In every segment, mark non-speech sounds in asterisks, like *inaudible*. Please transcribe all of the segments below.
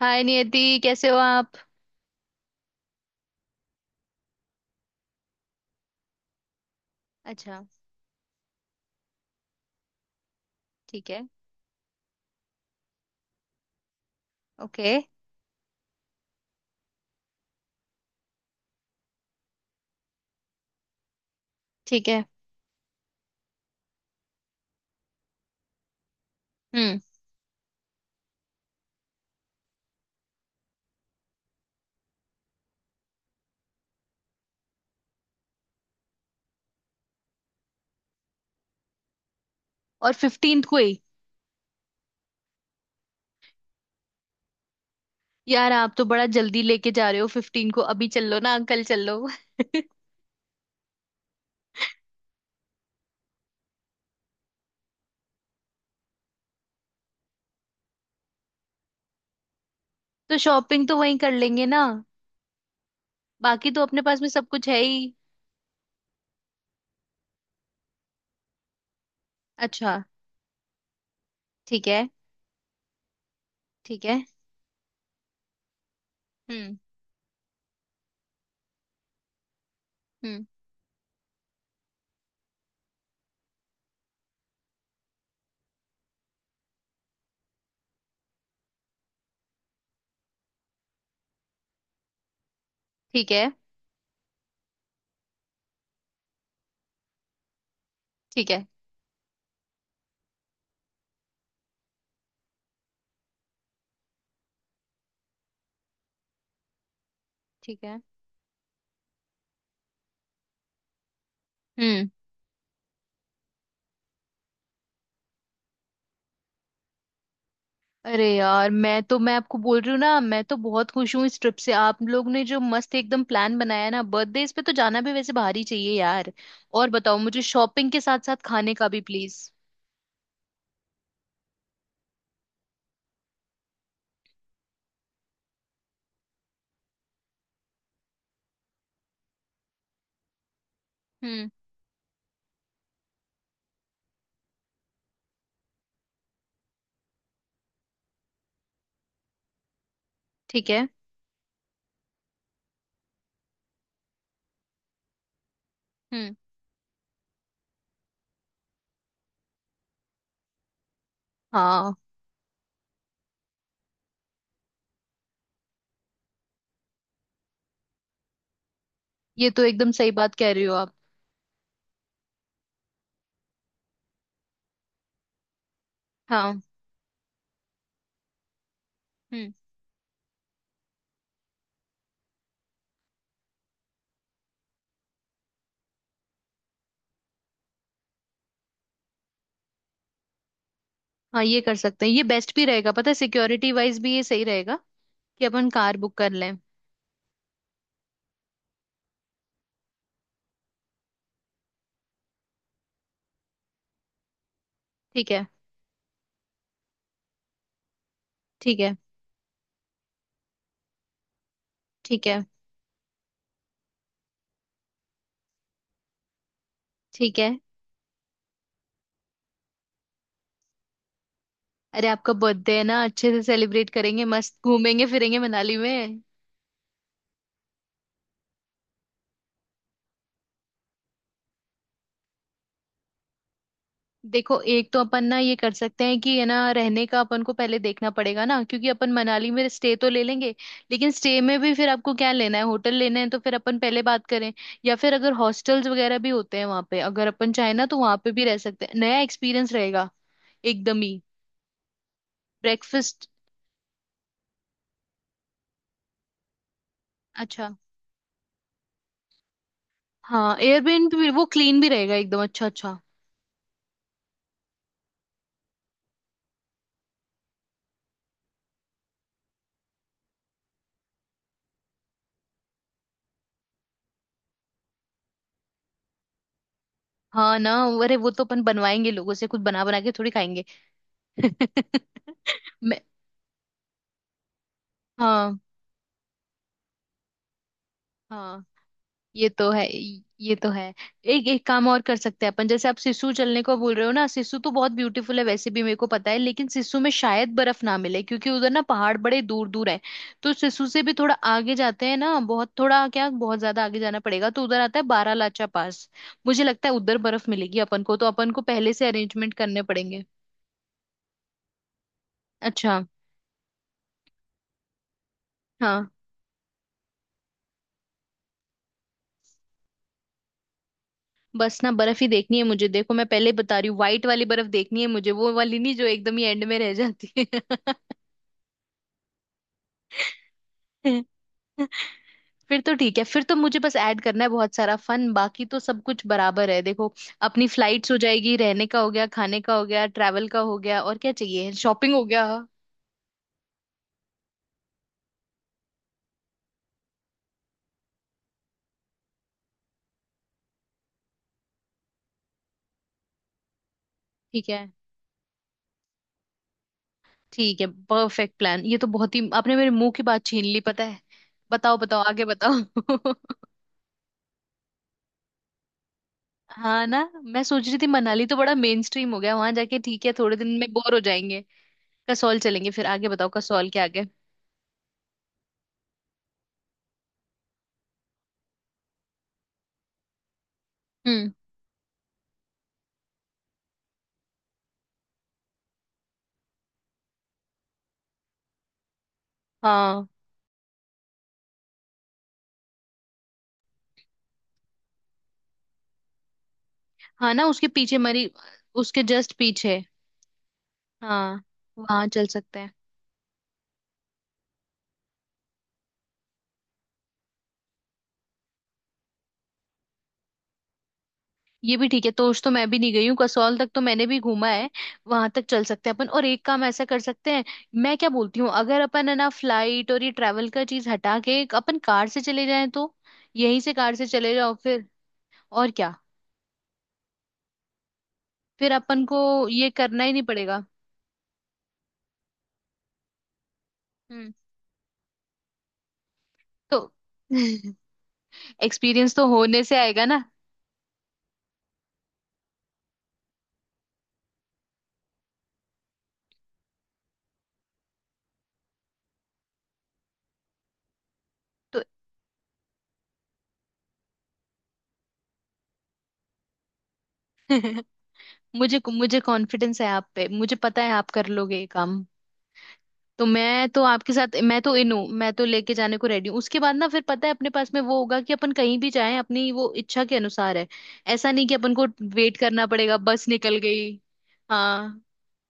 हाय नियति, कैसे हो आप। अच्छा। ठीक है। ओके। ठीक है। हम्म। और फिफ्टींथ को ही? यार आप तो बड़ा जल्दी लेके जा रहे हो। फिफ्टीन को? अभी चल लो ना अंकल, चल लो। *laughs* तो शॉपिंग तो वहीं कर लेंगे ना। बाकी तो अपने पास में सब कुछ है ही। अच्छा। ठीक है। ठीक है। हम्म। हम्म। ठीक है। ठीक है। ठीक है। हम्म। अरे यार, मैं आपको बोल रही हूँ ना, मैं तो बहुत खुश हूँ इस ट्रिप से। आप लोग ने जो मस्त एकदम प्लान बनाया है ना, बर्थडे इस पे तो जाना भी वैसे बाहर ही चाहिए यार। और बताओ मुझे शॉपिंग के साथ साथ खाने का भी, प्लीज। हम्म। ठीक है। हम्म। हाँ। ये तो एकदम सही बात कह रही हो आप। हाँ। हम्म। हाँ ये कर सकते हैं, ये बेस्ट भी रहेगा। पता है, सिक्योरिटी वाइज भी ये सही रहेगा कि अपन कार बुक कर लें। ठीक है। ठीक है। ठीक है। ठीक है। अरे आपका बर्थडे है ना, अच्छे से सेलिब्रेट करेंगे, मस्त घूमेंगे फिरेंगे मनाली में। देखो, एक तो अपन ना ये कर सकते हैं कि, है ना, रहने का अपन को पहले देखना पड़ेगा ना, क्योंकि अपन मनाली में स्टे तो ले लेंगे। लेकिन स्टे में भी फिर आपको क्या लेना है, होटल लेना है, तो फिर अपन पहले बात करें। या फिर अगर हॉस्टल्स वगैरह भी होते हैं वहां पे, अगर अपन चाहे ना तो वहां पे भी रह सकते हैं, नया एक्सपीरियंस रहेगा एकदम ही। ब्रेकफास्ट। अच्छा। हाँ, एयरबीएनबी भी, वो क्लीन भी रहेगा एकदम, अच्छा अच्छा। हाँ ना। अरे वो तो अपन बनवाएंगे लोगों से, कुछ बना बना के थोड़ी खाएंगे। *laughs* मैं। हाँ। हाँ ये तो है, ये तो है। एक एक काम और कर सकते हैं अपन। जैसे आप सिसु चलने को बोल रहे हो ना, सिसु तो बहुत ब्यूटीफुल है वैसे भी, मेरे को पता है, लेकिन सिसु में शायद बर्फ ना मिले क्योंकि उधर ना पहाड़ बड़े दूर दूर है। तो सिसु से भी थोड़ा आगे जाते हैं ना, बहुत थोड़ा क्या, बहुत ज्यादा आगे जाना पड़ेगा, तो उधर आता है बारालाचा पास। मुझे लगता है उधर बर्फ मिलेगी अपन को, तो अपन को पहले से अरेंजमेंट करने पड़ेंगे। अच्छा। हाँ। बस ना बर्फ ही देखनी है मुझे। देखो, मैं पहले ही बता रही हूँ, व्हाइट वाली बर्फ देखनी है मुझे, वो वाली नहीं जो एकदम ही एंड में रह जाती है। *laughs* फिर तो ठीक है। फिर तो मुझे बस ऐड करना है बहुत सारा फन, बाकी तो सब कुछ बराबर है। देखो, अपनी फ्लाइट्स हो जाएगी, रहने का हो गया, खाने का हो गया, ट्रैवल का हो गया, और क्या चाहिए, शॉपिंग हो गया। ठीक है। ठीक है, परफेक्ट प्लान। ये तो बहुत ही आपने मेरे मुंह की बात छीन ली, पता है। बताओ बताओ, आगे बताओ। *laughs* हाँ ना। मैं सोच रही थी मनाली तो बड़ा मेन स्ट्रीम हो गया, वहां जाके ठीक है, थोड़े दिन में बोर हो जाएंगे। कसौल चलेंगे। फिर आगे बताओ, कसौल के आगे। हम्म। हाँ। हाँ ना, उसके पीछे मरी। उसके जस्ट पीछे। हाँ। वहां चल सकते हैं। ये भी ठीक है, तोश तो मैं भी नहीं गई हूँ, कसौल तक तो मैंने भी घूमा है। वहां तक चल सकते हैं अपन, और एक काम ऐसा कर सकते हैं। मैं क्या बोलती हूँ, अगर अपन है ना फ्लाइट और ये ट्रैवल का चीज हटा के एक अपन कार से चले जाएं तो? यहीं से कार से चले जाओ फिर, और क्या। फिर अपन को ये करना ही नहीं पड़ेगा। हम्म। तो *laughs* एक्सपीरियंस तो होने से आएगा ना। तो *laughs* मुझे मुझे कॉन्फिडेंस है आप पे, मुझे पता है आप कर लोगे ये काम। तो मैं तो आपके साथ, मैं तो इन हूँ, मैं तो लेके जाने को रेडी हूँ। उसके बाद ना फिर पता है अपने पास में वो होगा कि अपन कहीं भी जाएं अपनी वो इच्छा के अनुसार है। ऐसा नहीं कि अपन को वेट करना पड़ेगा, बस निकल गई। हाँ।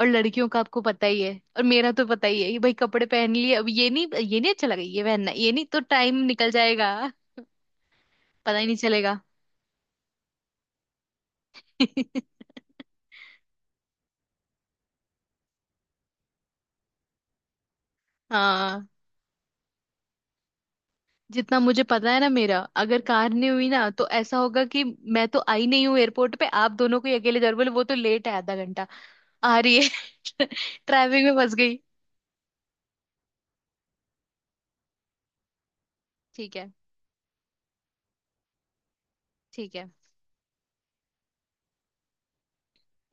और लड़कियों का आपको पता ही है, और मेरा तो पता ही है कि भाई कपड़े पहन लिए, अब ये नहीं, ये नहीं अच्छा लगा, ये पहनना, ये नहीं, तो टाइम निकल जाएगा। पता ही नहीं चलेगा। *laughs* हाँ। जितना मुझे पता है ना, मेरा अगर कार नहीं हुई ना तो ऐसा होगा कि मैं तो आई नहीं हूँ एयरपोर्ट पे, आप दोनों को ही अकेले जरूर बोले, वो तो लेट है, आधा घंटा। आ रही है। *laughs* ट्रैफिक में फंस गई। ठीक है। ठीक है।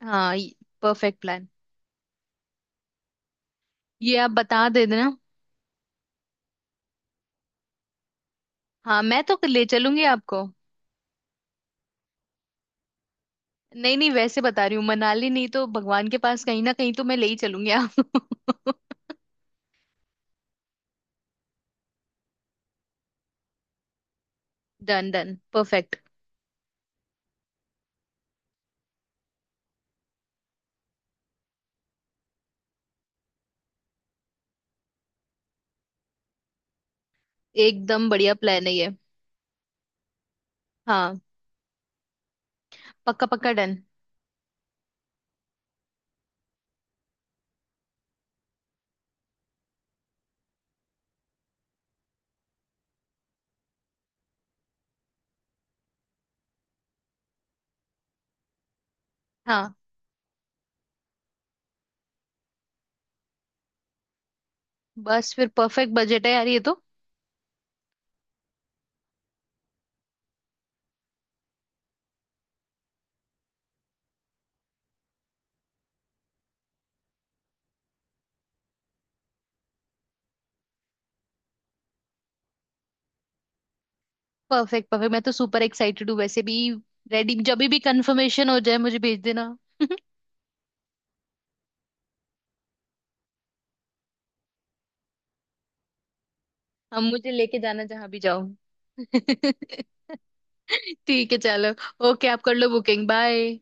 हाँ। Perfect plan. ये आप बता दे देना। हाँ, मैं तो ले चलूंगी आपको। नहीं नहीं, वैसे बता रही हूँ मनाली नहीं तो भगवान के पास कहीं ना कहीं तो मैं ले ही चलूंगी आपको। *laughs* Done done, perfect. *laughs* एकदम बढ़िया प्लान है ये। हाँ। पक्का पक्का, डन। हाँ, बस फिर परफेक्ट बजट है यार ये तो। परफेक्ट परफेक्ट, मैं तो सुपर एक्साइटेड हूँ वैसे भी। रेडी, जब भी कंफर्मेशन हो जाए मुझे भेज देना। हम, मुझे लेके जाना जहां भी जाओ। *laughs* ठीक है, चलो। ओके, आप कर लो बुकिंग, बाय।